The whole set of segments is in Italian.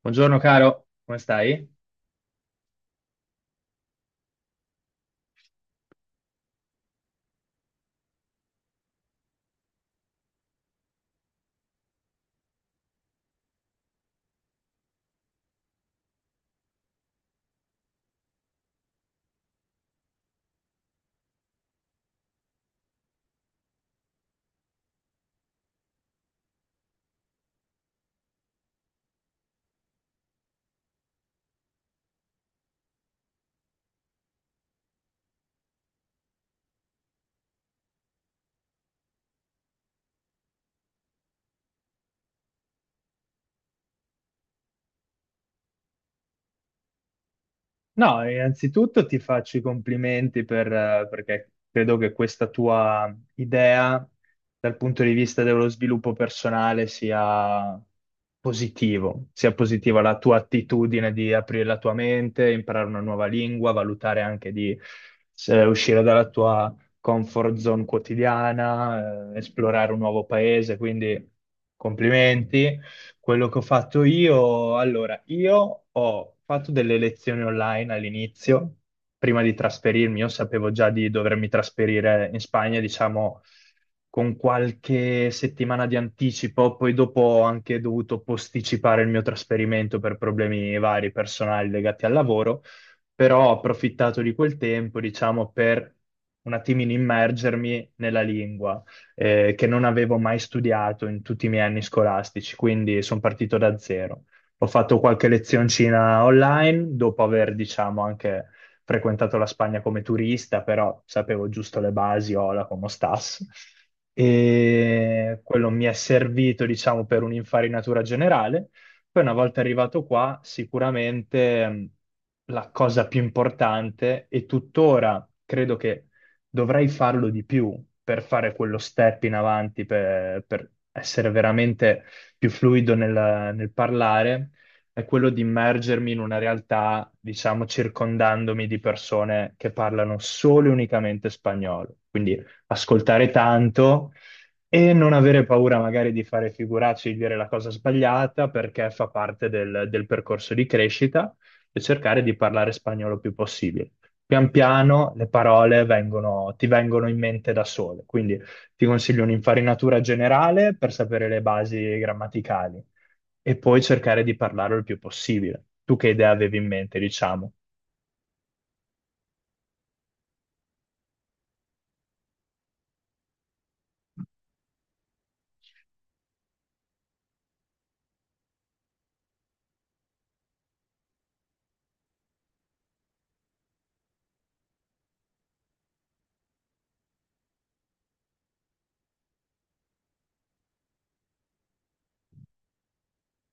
Buongiorno caro, come stai? No, innanzitutto ti faccio i complimenti per, perché credo che questa tua idea dal punto di vista dello sviluppo personale sia positivo, sia positiva la tua attitudine di aprire la tua mente, imparare una nuova lingua, valutare anche di uscire dalla tua comfort zone quotidiana, esplorare un nuovo paese, quindi complimenti. Quello che ho fatto io, allora, io ho fatto delle lezioni online all'inizio, prima di trasferirmi, io sapevo già di dovermi trasferire in Spagna, diciamo, con qualche settimana di anticipo, poi dopo ho anche dovuto posticipare il mio trasferimento per problemi vari personali legati al lavoro, però ho approfittato di quel tempo, diciamo, per un attimino immergermi nella lingua che non avevo mai studiato in tutti i miei anni scolastici, quindi sono partito da zero. Ho fatto qualche lezioncina online dopo aver, diciamo, anche frequentato la Spagna come turista, però sapevo giusto le basi, hola, como stas. E quello mi è servito, diciamo, per un'infarinatura generale. Poi una volta arrivato qua, sicuramente la cosa più importante e tuttora credo che dovrai farlo di più per fare quello step in avanti, per essere veramente più fluido nel parlare, è quello di immergermi in una realtà, diciamo, circondandomi di persone che parlano solo e unicamente spagnolo. Quindi ascoltare tanto e non avere paura magari di fare figuracce, di dire la cosa sbagliata, perché fa parte del percorso di crescita e cercare di parlare spagnolo più possibile. Pian piano le parole ti vengono in mente da sole, quindi ti consiglio un'infarinatura generale per sapere le basi grammaticali e poi cercare di parlarlo il più possibile. Tu che idea avevi in mente, diciamo?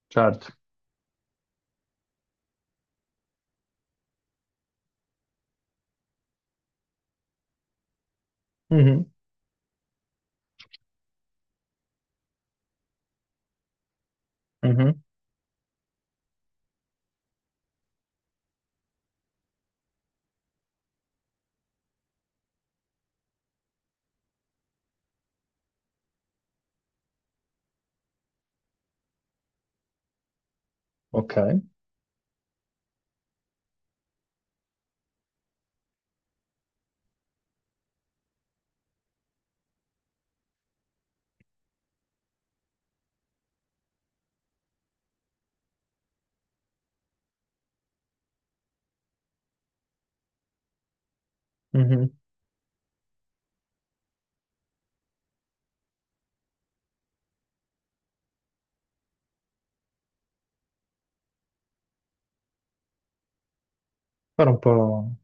Certo. Mhm, mhm, ok. Mhm. Fare un po', un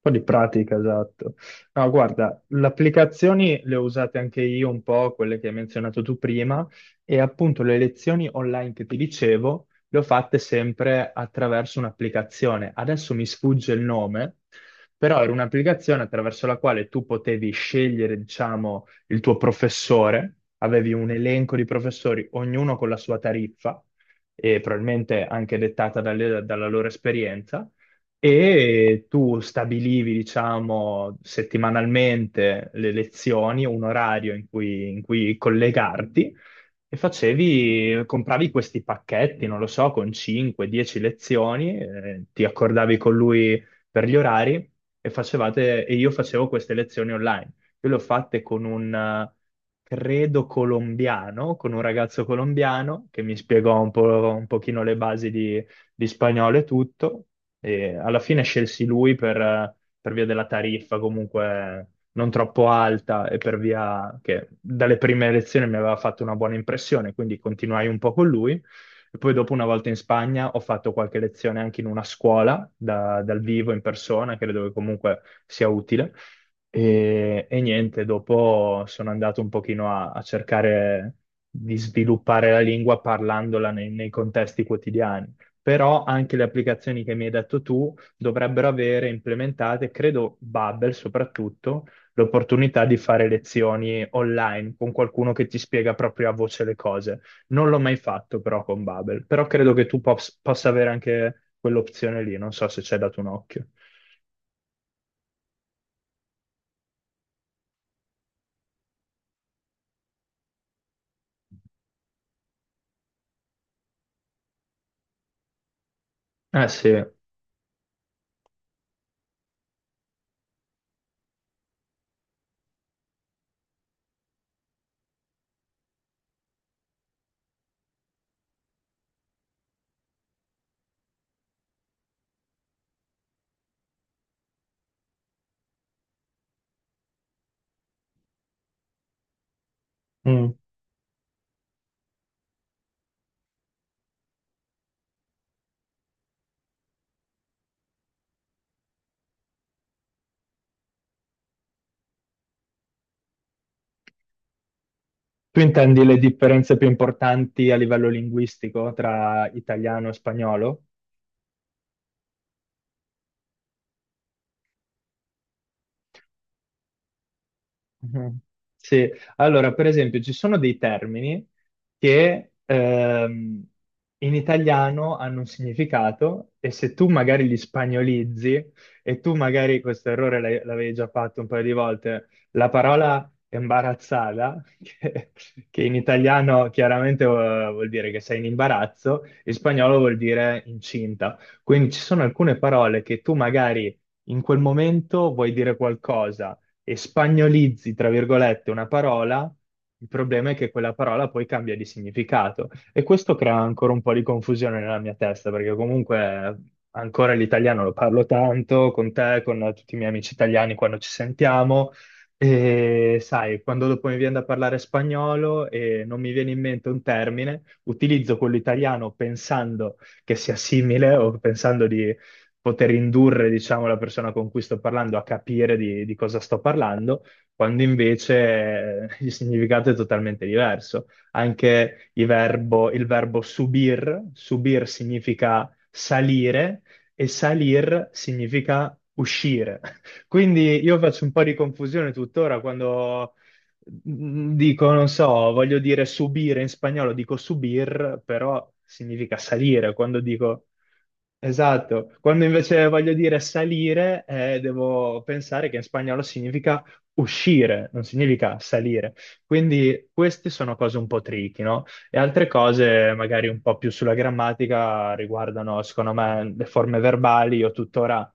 po' di pratica, esatto. No, guarda, le applicazioni le ho usate anche io un po', quelle che hai menzionato tu prima, e appunto le lezioni online che ti dicevo le ho fatte sempre attraverso un'applicazione. Adesso mi sfugge il nome, però era un'applicazione attraverso la quale tu potevi scegliere, diciamo, il tuo professore, avevi un elenco di professori, ognuno con la sua tariffa, e probabilmente anche dettata dalla loro esperienza e tu stabilivi, diciamo, settimanalmente le lezioni, un orario in cui collegarti e facevi, compravi questi pacchetti, non lo so, con 5-10 lezioni, ti accordavi con lui per gli orari e facevate, e io facevo queste lezioni online. Io le ho fatte con un, credo, colombiano, con un ragazzo colombiano che mi spiegò un po', un pochino le basi di spagnolo e tutto. E alla fine scelsi lui per via della tariffa comunque non troppo alta e per via che dalle prime elezioni mi aveva fatto una buona impressione, quindi continuai un po' con lui. E poi dopo una volta in Spagna ho fatto qualche lezione anche in una scuola dal vivo in persona, credo che comunque sia utile. E niente, dopo sono andato un pochino a cercare di sviluppare la lingua parlandola nei contesti quotidiani però anche le applicazioni che mi hai detto tu dovrebbero avere implementate, credo Babel soprattutto, l'opportunità di fare lezioni online con qualcuno che ti spiega proprio a voce le cose. Non l'ho mai fatto però con Babel, però credo che tu possa avere anche quell'opzione lì, non so se ci hai dato un occhio. Ah sì. Mm. Tu intendi le differenze più importanti a livello linguistico tra italiano e spagnolo? Mhm. Sì, allora per esempio ci sono dei termini che in italiano hanno un significato e se tu magari li spagnolizzi e tu magari questo errore l'avevi già fatto un paio di volte, la parola imbarazzata, che in italiano chiaramente vuol dire che sei in imbarazzo, in spagnolo vuol dire incinta. Quindi ci sono alcune parole che tu magari in quel momento vuoi dire qualcosa e spagnolizzi, tra virgolette, una parola, il problema è che quella parola poi cambia di significato. E questo crea ancora un po' di confusione nella mia testa, perché comunque ancora l'italiano lo parlo tanto con te, con tutti i miei amici italiani quando ci sentiamo. E sai, quando dopo mi viene da parlare spagnolo e non mi viene in mente un termine, utilizzo quello italiano pensando che sia simile o pensando di poter indurre, diciamo, la persona con cui sto parlando a capire di cosa sto parlando, quando invece il significato è totalmente diverso. Anche il verbo subir, subir significa salire e salir significa uscire. Quindi io faccio un po' di confusione tuttora quando dico, non so, voglio dire subire in spagnolo, dico subir, però significa salire. Quando dico. Esatto, quando invece voglio dire salire, devo pensare che in spagnolo significa uscire, non significa salire. Quindi queste sono cose un po' tricky, no? E altre cose, magari un po' più sulla grammatica, riguardano, secondo me, le forme verbali. Io tuttora,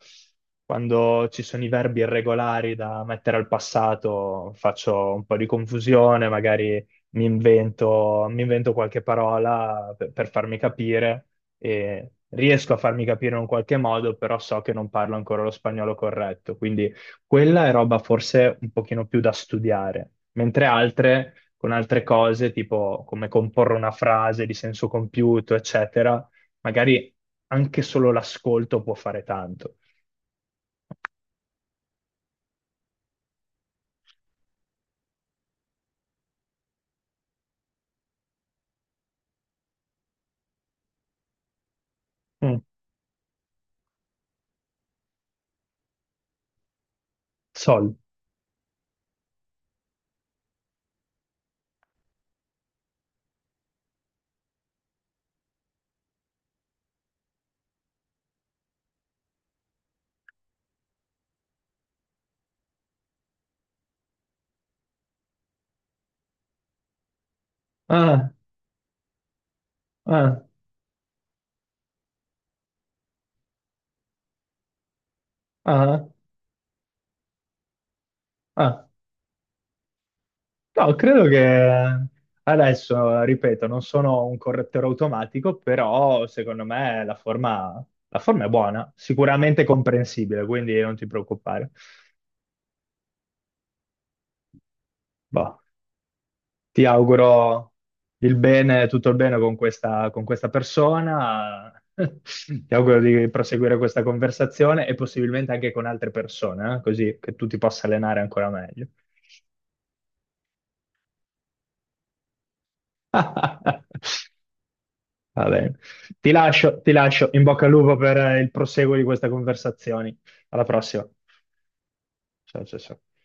quando ci sono i verbi irregolari da mettere al passato, faccio un po' di confusione, magari mi invento qualche parola per farmi capire e riesco a farmi capire in un qualche modo, però so che non parlo ancora lo spagnolo corretto, quindi quella è roba forse un pochino più da studiare, mentre altre, con altre cose, tipo come comporre una frase di senso compiuto, eccetera, magari anche solo l'ascolto può fare tanto. Mm, sol. Ah, ah, ah, ah. No, credo che adesso, ripeto, non sono un correttore automatico, però secondo me la forma è buona, sicuramente comprensibile, quindi non ti preoccupare. Boh, ti auguro il bene, tutto il bene con questa persona. Ti auguro di proseguire questa conversazione e possibilmente anche con altre persone, così che tu ti possa allenare ancora meglio. Va bene. Ti lascio. In bocca al lupo per il proseguo di questa conversazione. Alla prossima. Ciao, ciao, ciao.